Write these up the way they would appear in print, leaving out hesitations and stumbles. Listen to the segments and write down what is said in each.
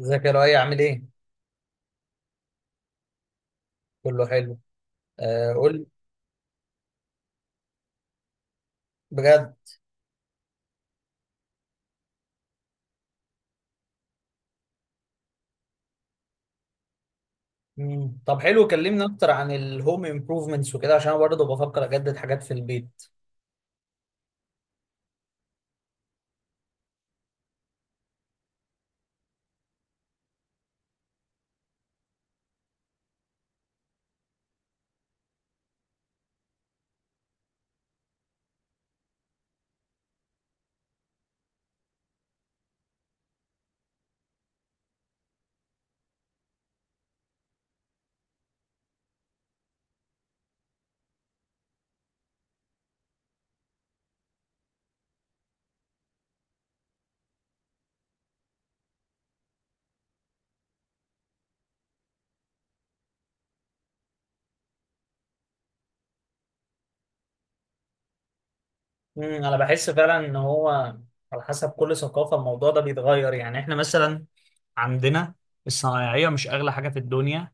ازيك يا لؤي، عامل ايه؟ كله حلو. آه، قول. بجد؟ طب حلو، كلمني اكتر عن الهوم امبروفمنتس وكده، عشان انا برضه بفكر اجدد حاجات في البيت. انا بحس فعلا ان هو على حسب كل ثقافة الموضوع ده بيتغير. يعني احنا مثلا عندنا الصنايعية مش اغلى حاجة في الدنيا،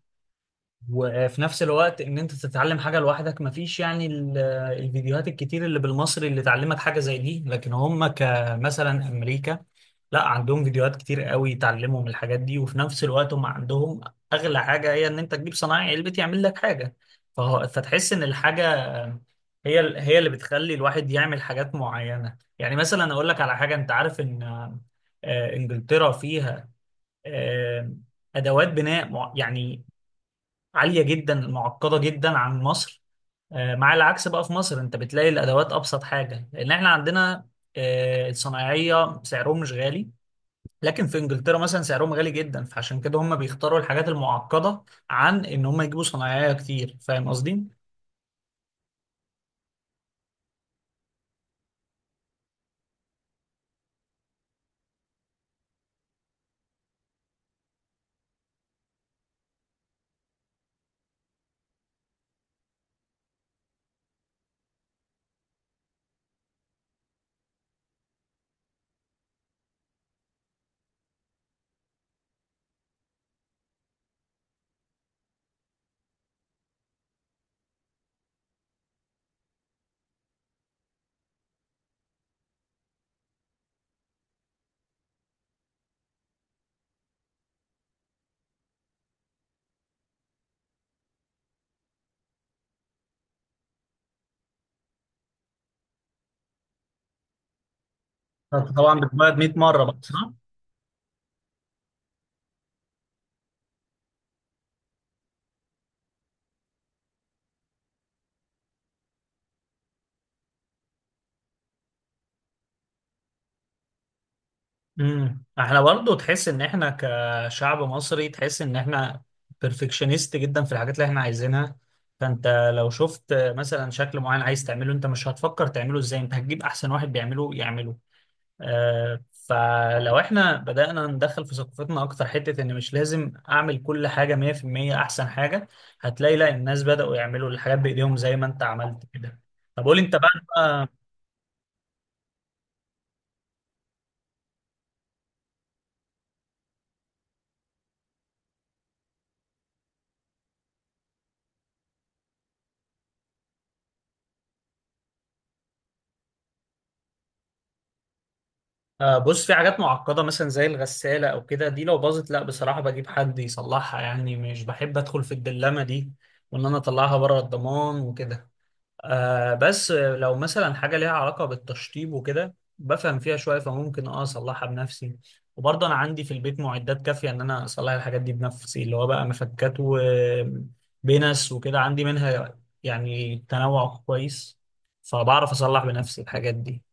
وفي نفس الوقت ان انت تتعلم حاجه لوحدك مفيش، يعني الفيديوهات الكتير اللي بالمصري اللي تعلمك حاجه زي دي. لكن هم كمثلا امريكا، لا، عندهم فيديوهات كتير قوي تعلمهم الحاجات دي، وفي نفس الوقت هم عندهم اغلى حاجه، هي ان انت تجيب صنايعي علبة يعمل لك حاجه. فتحس ان الحاجه هي اللي بتخلي الواحد يعمل حاجات معينه. يعني مثلا اقول لك على حاجه، انت عارف ان انجلترا فيها آه، ادوات بناء يعني عالية جدا، معقدة جدا عن مصر. مع العكس بقى، في مصر انت بتلاقي الادوات ابسط حاجة، لان احنا عندنا الصنايعية سعرهم مش غالي. لكن في انجلترا مثلا سعرهم غالي جدا، فعشان كده هم بيختاروا الحاجات المعقدة عن ان هم يجيبوا صنايعية كتير. فاهم قصدي؟ فأنت طبعا بتبيض 100 مرة بقى، صح؟ احنا برضو، تحس ان احنا كشعب مصري، تحس ان احنا بيرفكشنست جدا في الحاجات اللي احنا عايزينها. فانت لو شفت مثلا شكل معين عايز تعمله، انت مش هتفكر تعمله ازاي، انت هتجيب احسن واحد بيعمله يعمله. فلو احنا بدأنا ندخل في ثقافتنا اكتر حتة ان مش لازم اعمل كل حاجة 100% احسن حاجة، هتلاقي لا، الناس بدأوا يعملوا الحاجات بايديهم زي ما انت عملت كده. طب قول لي انت بقى. بص، في حاجات معقدة مثلا زي الغسالة أو كده، دي لو باظت لا بصراحة بجيب حد يصلحها، يعني مش بحب أدخل في الدلمة دي، وإن أنا أطلعها بره الضمان وكده. بس لو مثلا حاجة ليها علاقة بالتشطيب وكده بفهم فيها شوية، فممكن أصلحها بنفسي. وبرضه أنا عندي في البيت معدات كافية إن أنا أصلح الحاجات دي بنفسي، اللي هو بقى مفكات وبنس وكده، عندي منها يعني تنوع كويس، فبعرف أصلح بنفسي الحاجات دي.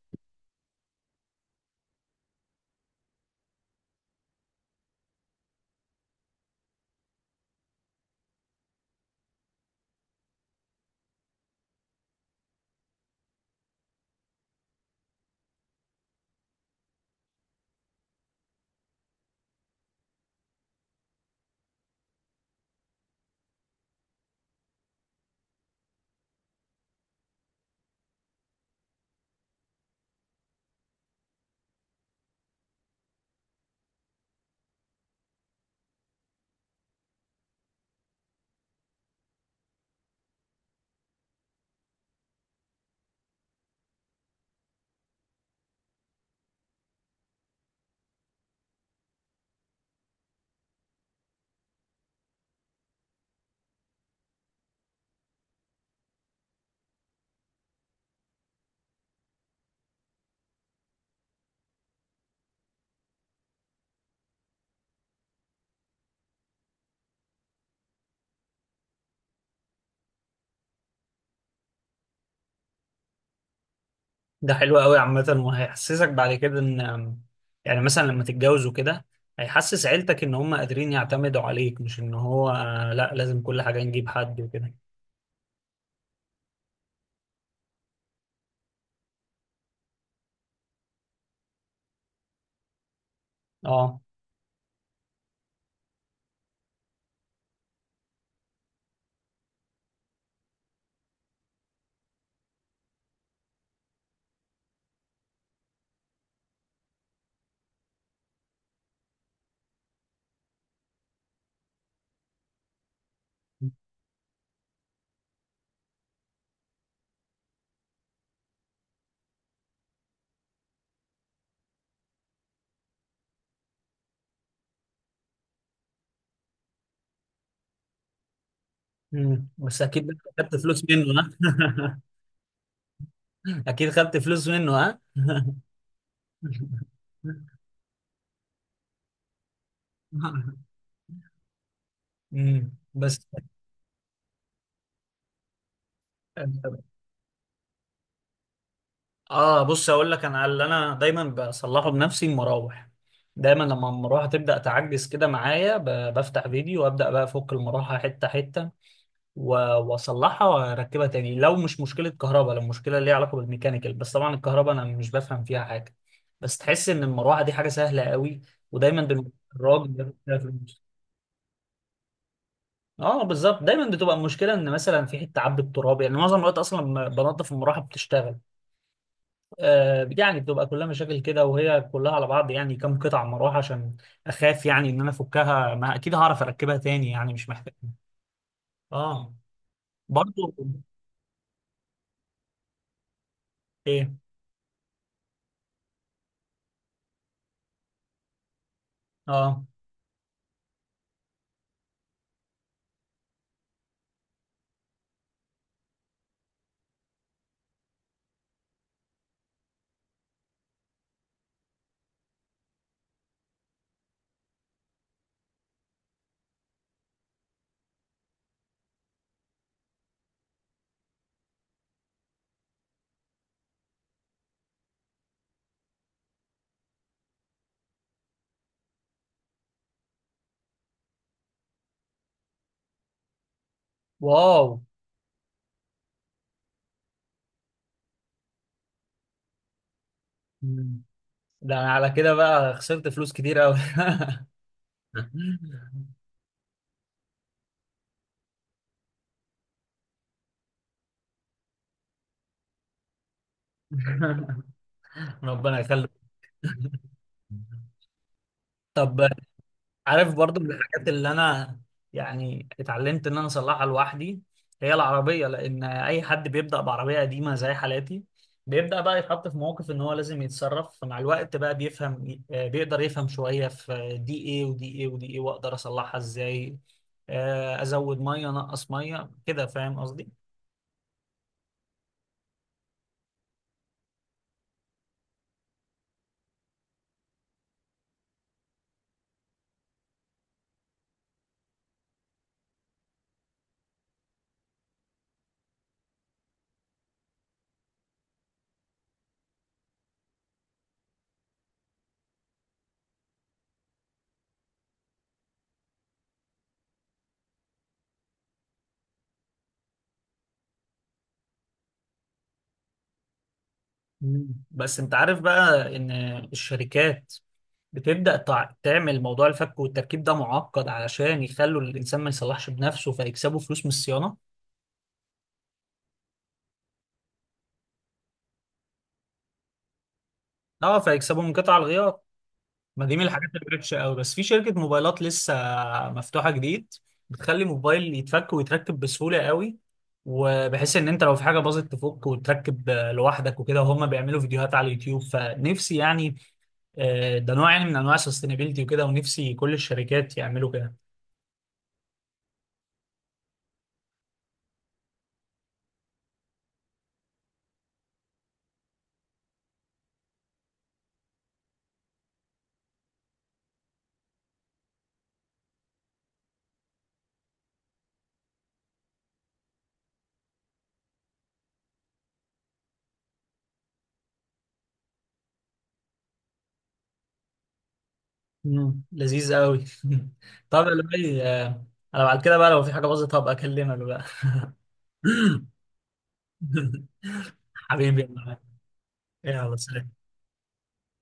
ده حلو قوي عامة، وهيحسسك بعد كده ان، يعني مثلا لما تتجوز وكده، هيحسس عيلتك ان هم قادرين يعتمدوا عليك، مش ان هو لا لازم كل حاجة نجيب حد وكده. اه. بس اكيد بقى خدت فلوس منه، ها؟ اكيد خدت فلوس منه، ها؟ بس. اه بص، اقول لك، انا اللي انا دايما بصلحه بنفسي المراوح. دايما لما المروحه تبدا تعجز كده معايا، بفتح فيديو وابدا بقى افك المروحه حته حته و- واصلحها واركبها تاني. لو مش مشكله كهرباء، لو مشكله ليها علاقه بالميكانيكال، بس طبعا الكهرباء انا مش بفهم فيها حاجه. بس تحس ان المروحه دي حاجه سهله قوي، ودايما الراجل بياخد فيها فلوس. اه بالظبط، دايما بتبقى المشكله ان مثلا في حته عبت تراب، يعني معظم الوقت اصلا لما بنضف المروحه بتشتغل. يعني بتبقى كلها مشاكل كده، وهي كلها على بعض يعني كم قطعه مروحه. عشان اخاف يعني ان انا افكها، ما اكيد هعرف اركبها تاني، يعني مش محتاج. اه. برضو. ايه. اه. واو. مم. ده انا على كده بقى خسرت فلوس كتير قوي. ربنا يخليك. طب، عارف برضو من الحاجات اللي انا يعني اتعلمت ان انا اصلحها لوحدي، هي العربيه. لان اي حد بيبدا بعربيه قديمه زي حالاتي بيبدا بقى يتحط في موقف ان هو لازم يتصرف، فمع الوقت بقى بيفهم، بيقدر يفهم شويه في دي ايه ودي ايه ودي ايه، واقدر اصلحها ازاي، ازود ميه، انقص ميه كده. فاهم قصدي؟ بس انت عارف بقى ان الشركات بتبدأ تعمل موضوع الفك والتركيب ده معقد علشان يخلوا الانسان ما يصلحش بنفسه، فيكسبوا فلوس من الصيانة. اه، فيكسبوا من قطع الغيار، ما دي من الحاجات اللي وحشة قوي. بس في شركة موبايلات لسه مفتوحة جديد بتخلي موبايل يتفك ويتركب بسهولة قوي، وبحيث ان انت لو في حاجة باظت تفك وتركب لوحدك وكده، وهم بيعملوا فيديوهات على اليوتيوب. فنفسي يعني ده نوع يعني من انواع السستينابيلتي وكده، ونفسي كل الشركات يعملوا كده. لذيذ قوي. طب يا لؤي، انا بعد كده بقى لو في حاجه باظت هبقى اكلمك بقى. حبيبي يا معلم. يلا سلام.